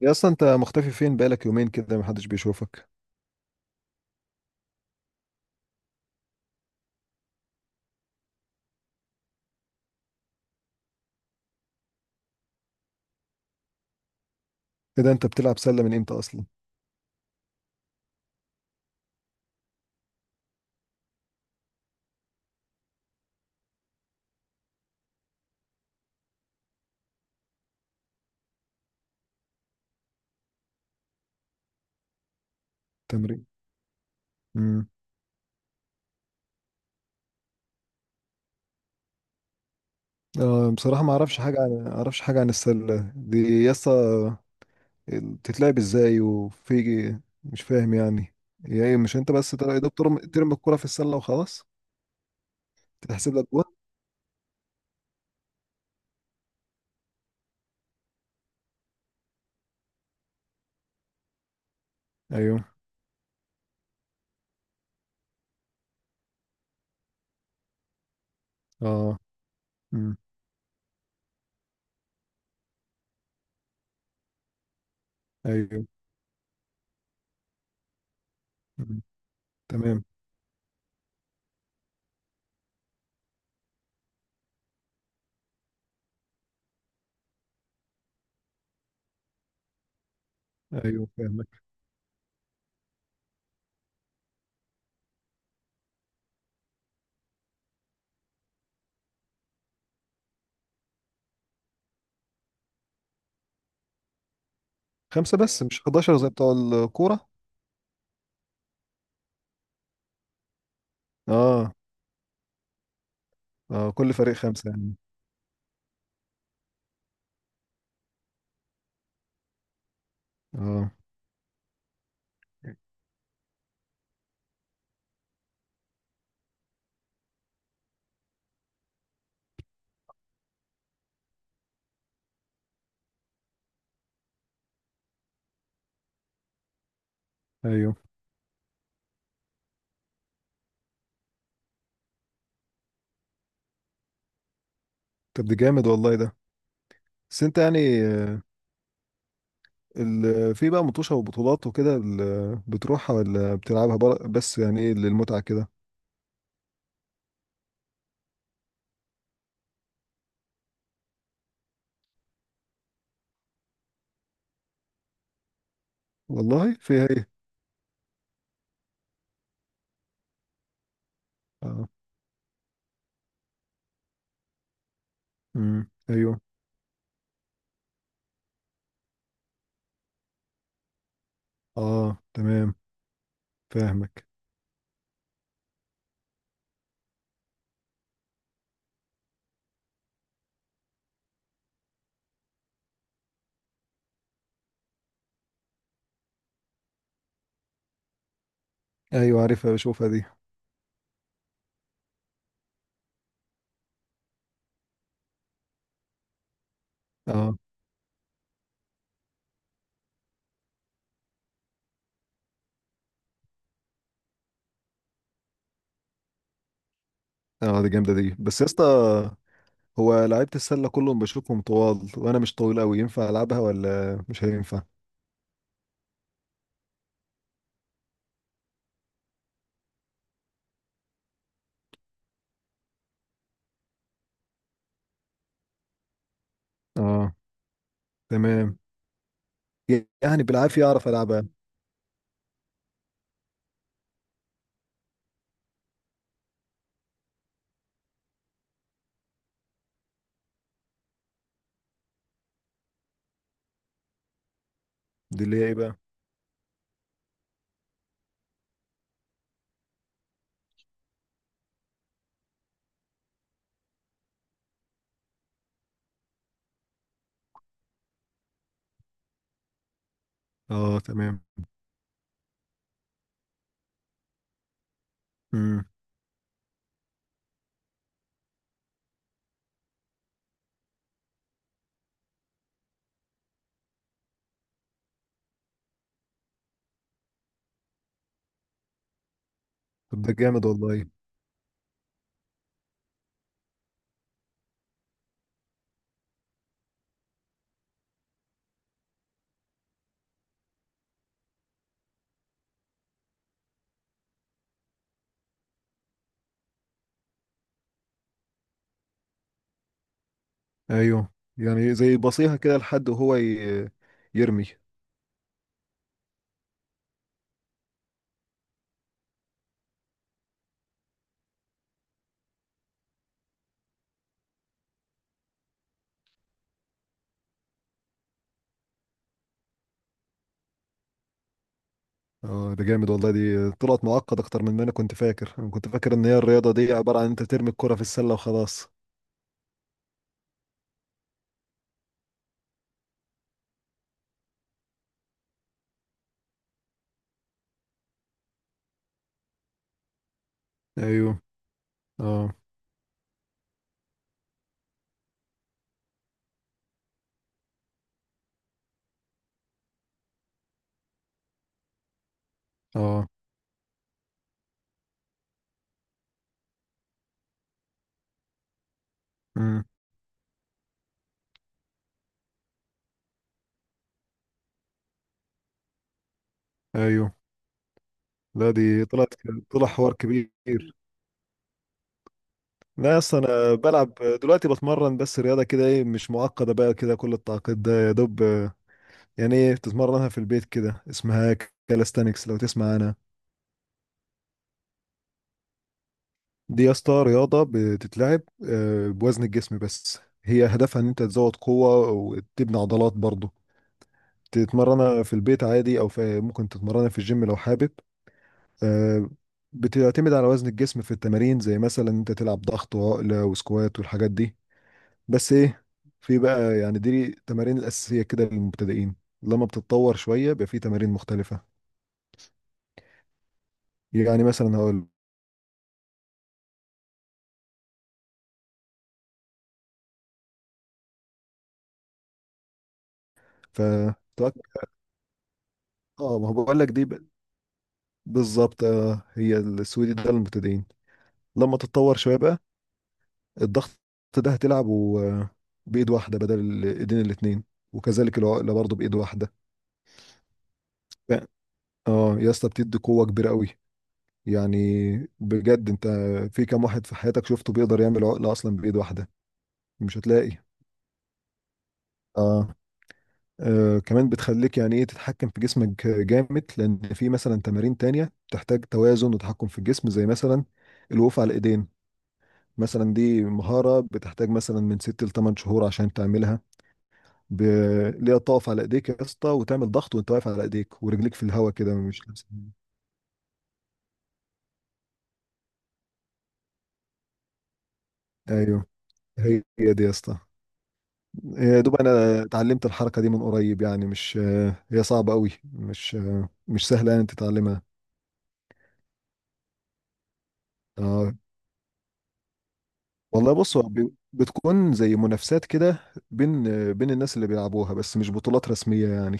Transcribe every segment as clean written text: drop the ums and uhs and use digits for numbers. يا اصلا انت مختفي فين بقالك يومين كده محدش بيشوفك. ايه ده؟ انت بتلعب سلة من امتى اصلا؟ تمرين. امم آه، بصراحة ما اعرفش حاجة عن السلة دي يا اسطى. بتتلعب ازاي وفي، مش فاهم يعني. يا ايه؟ مش انت بس يا دوب ترم الكرة في السلة وخلاص تتحسب لك جول؟ ايوه. اه. امم. ايوه. مم. تمام. ايوه، فاهمك. خمسة بس؟ مش 11 زي بتوع الكورة؟ اه. اه، كل فريق خمسة يعني. اه. ايوه. طب دي جامد والله ده. بس انت يعني، آه، في بقى مطوشة وبطولات وكده، بتروحها ولا بتلعبها بس يعني ايه، للمتعة كده؟ والله فيها ايه؟ اه. امم، ايوه. اه، تمام. فاهمك. ايوه، عارفها، بشوفها دي. اه. اه دي جامدة دي، بس يا اسطى، هو لعيبة السلة كلهم بشوفهم طوال، وانا مش طويل قوي، ينفع العبها ولا مش هينفع؟ اه. تمام. يعني بالعافية اعرف العبها. دي اللي هي ايه بقى؟ اه، تمام. امم. طب ده جامد والله. ايوه، يعني زي بصيها كده لحد وهو يرمي. اه ده جامد والله، دي طلعت معقد اكتر من ما انا كنت فاكر. انا كنت فاكر ان هي الرياضه دي عباره عن انت ترمي الكره في السله وخلاص. ايوه. اه. اه. امم. ايوه. لا دي طلعت، طلع حوار كبير. لا اصل انا بلعب دلوقتي، بتمرن بس رياضه كده ايه، مش معقده بقى كده كل التعقيد ده، يا دوب. آه، يعني ايه، بتتمرنها في البيت، كده اسمها كالستانكس، لو تسمع عنها. دي يا اسطى رياضة بتتلعب آه، بوزن الجسم بس. هي هدفها ان انت تزود قوة وتبني عضلات برضه. تتمرنها في البيت عادي او في، ممكن تتمرنها في الجيم لو حابب. آه، بتعتمد على وزن الجسم في التمارين، زي مثلا انت تلعب ضغط وعقلة وسكوات والحاجات دي. بس ايه، في بقى يعني دي التمارين الأساسية كده للمبتدئين. لما بتتطور شوية بيبقى في تمارين مختلفة. يعني مثلا هقول، ف اه، ما هو بقول لك دي بالظبط، آه، هي السويدي ده للمبتدئين. لما تتطور شوية بقى، الضغط ده هتلعبه آه، بإيد واحدة بدل الإيدين الاتنين. وكذلك العقلة برضه بإيد واحدة. ف- اه يا اسطى، بتدي قوة كبيرة قوي يعني. بجد انت، في كام واحد في حياتك شفته بيقدر يعمل عقلة أصلا بإيد واحدة؟ مش هتلاقي. اه. آه، كمان بتخليك يعني ايه، تتحكم في جسمك جامد، لأن في مثلا تمارين تانية بتحتاج توازن وتحكم في الجسم، زي مثلا الوقوف على الإيدين. مثلا دي مهارة بتحتاج مثلا من ست لتمن شهور عشان تعملها. ب... اللي هي تقف على ايديك يا اسطى، وتعمل ضغط وانت واقف على ايديك ورجليك في الهواء كده مش لابس. ايوه، هي دي يا اسطى. يا دوب انا اتعلمت الحركه دي من قريب، يعني مش، هي صعبه قوي، مش مش سهله يعني تتعلمها. اه. والله بص، هو بتكون زي منافسات كده بين، بين الناس اللي بيلعبوها، بس مش بطولات رسميه يعني.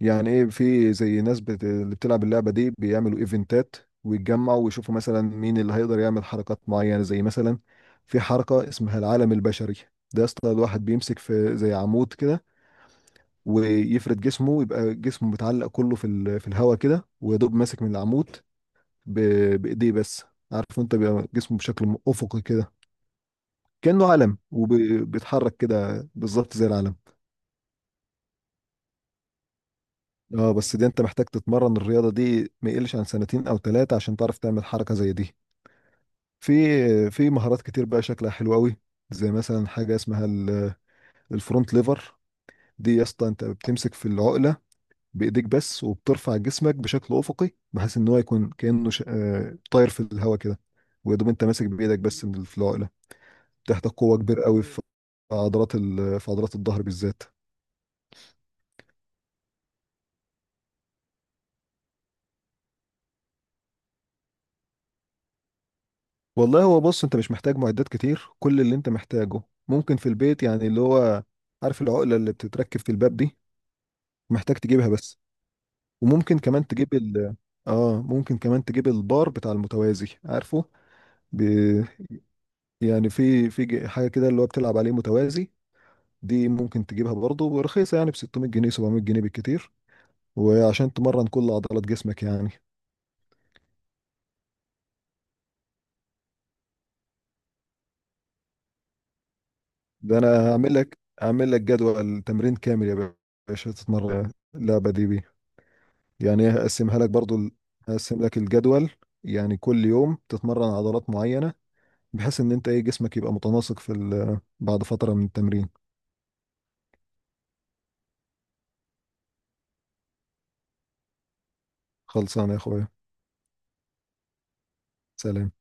يعني ايه، في زي ناس اللي بتلعب اللعبه دي بيعملوا ايفنتات، ويتجمعوا ويشوفوا مثلا مين اللي هيقدر يعمل حركات معينه. زي مثلا في حركه اسمها العالم البشري. ده يا اسطى الواحد بيمسك في زي عمود كده، ويفرد جسمه يبقى جسمه متعلق كله في في الهواء كده، ويدوب ماسك من العمود، ب... بايديه بس. عارف انت، بيبقى جسمه بشكل افقي كده، كانه علم، وبيتحرك كده بالظبط زي العلم. اه، بس دي انت محتاج تتمرن الرياضة دي ما يقلش عن سنتين او ثلاثة عشان تعرف تعمل حركة زي دي. في، في مهارات كتير بقى شكلها حلو قوي. زي مثلا حاجة اسمها الفرونت ليفر. دي يا اسطى انت بتمسك في العقلة بايديك بس، وبترفع جسمك بشكل افقي، بحيث ان هو يكون كأنه آه، طاير في الهواء كده. ويدوم انت ماسك بايدك بس في العقلة. بتحتاج قوة كبيرة قوي في عضلات في عضلات الظهر بالذات. والله هو بص، انت مش محتاج معدات كتير. كل اللي انت محتاجه ممكن في البيت يعني، اللي هو عارف العقلة اللي بتتركب في الباب دي؟ محتاج تجيبها بس. وممكن كمان تجيب ال، اه ممكن كمان تجيب البار بتاع المتوازي، عارفه؟ ب... يعني في، في حاجة كده اللي هو بتلعب عليه متوازي. دي ممكن تجيبها برضه، ورخيصة يعني ب 600 جنيه 700 جنيه بالكتير. وعشان تمرن كل عضلات جسمك يعني. ده انا هعمل لك، هعمل لك جدول تمرين كامل يا باشا، تتمرن اللعبة دي بيه. يعني هقسمها لك برضو هقسم لك الجدول، يعني كل يوم تتمرن عضلات معينة، بحيث ان انت ايه، جسمك يبقى متناسق في بعد فترة من التمرين. خلصانة يا اخويا، سلام.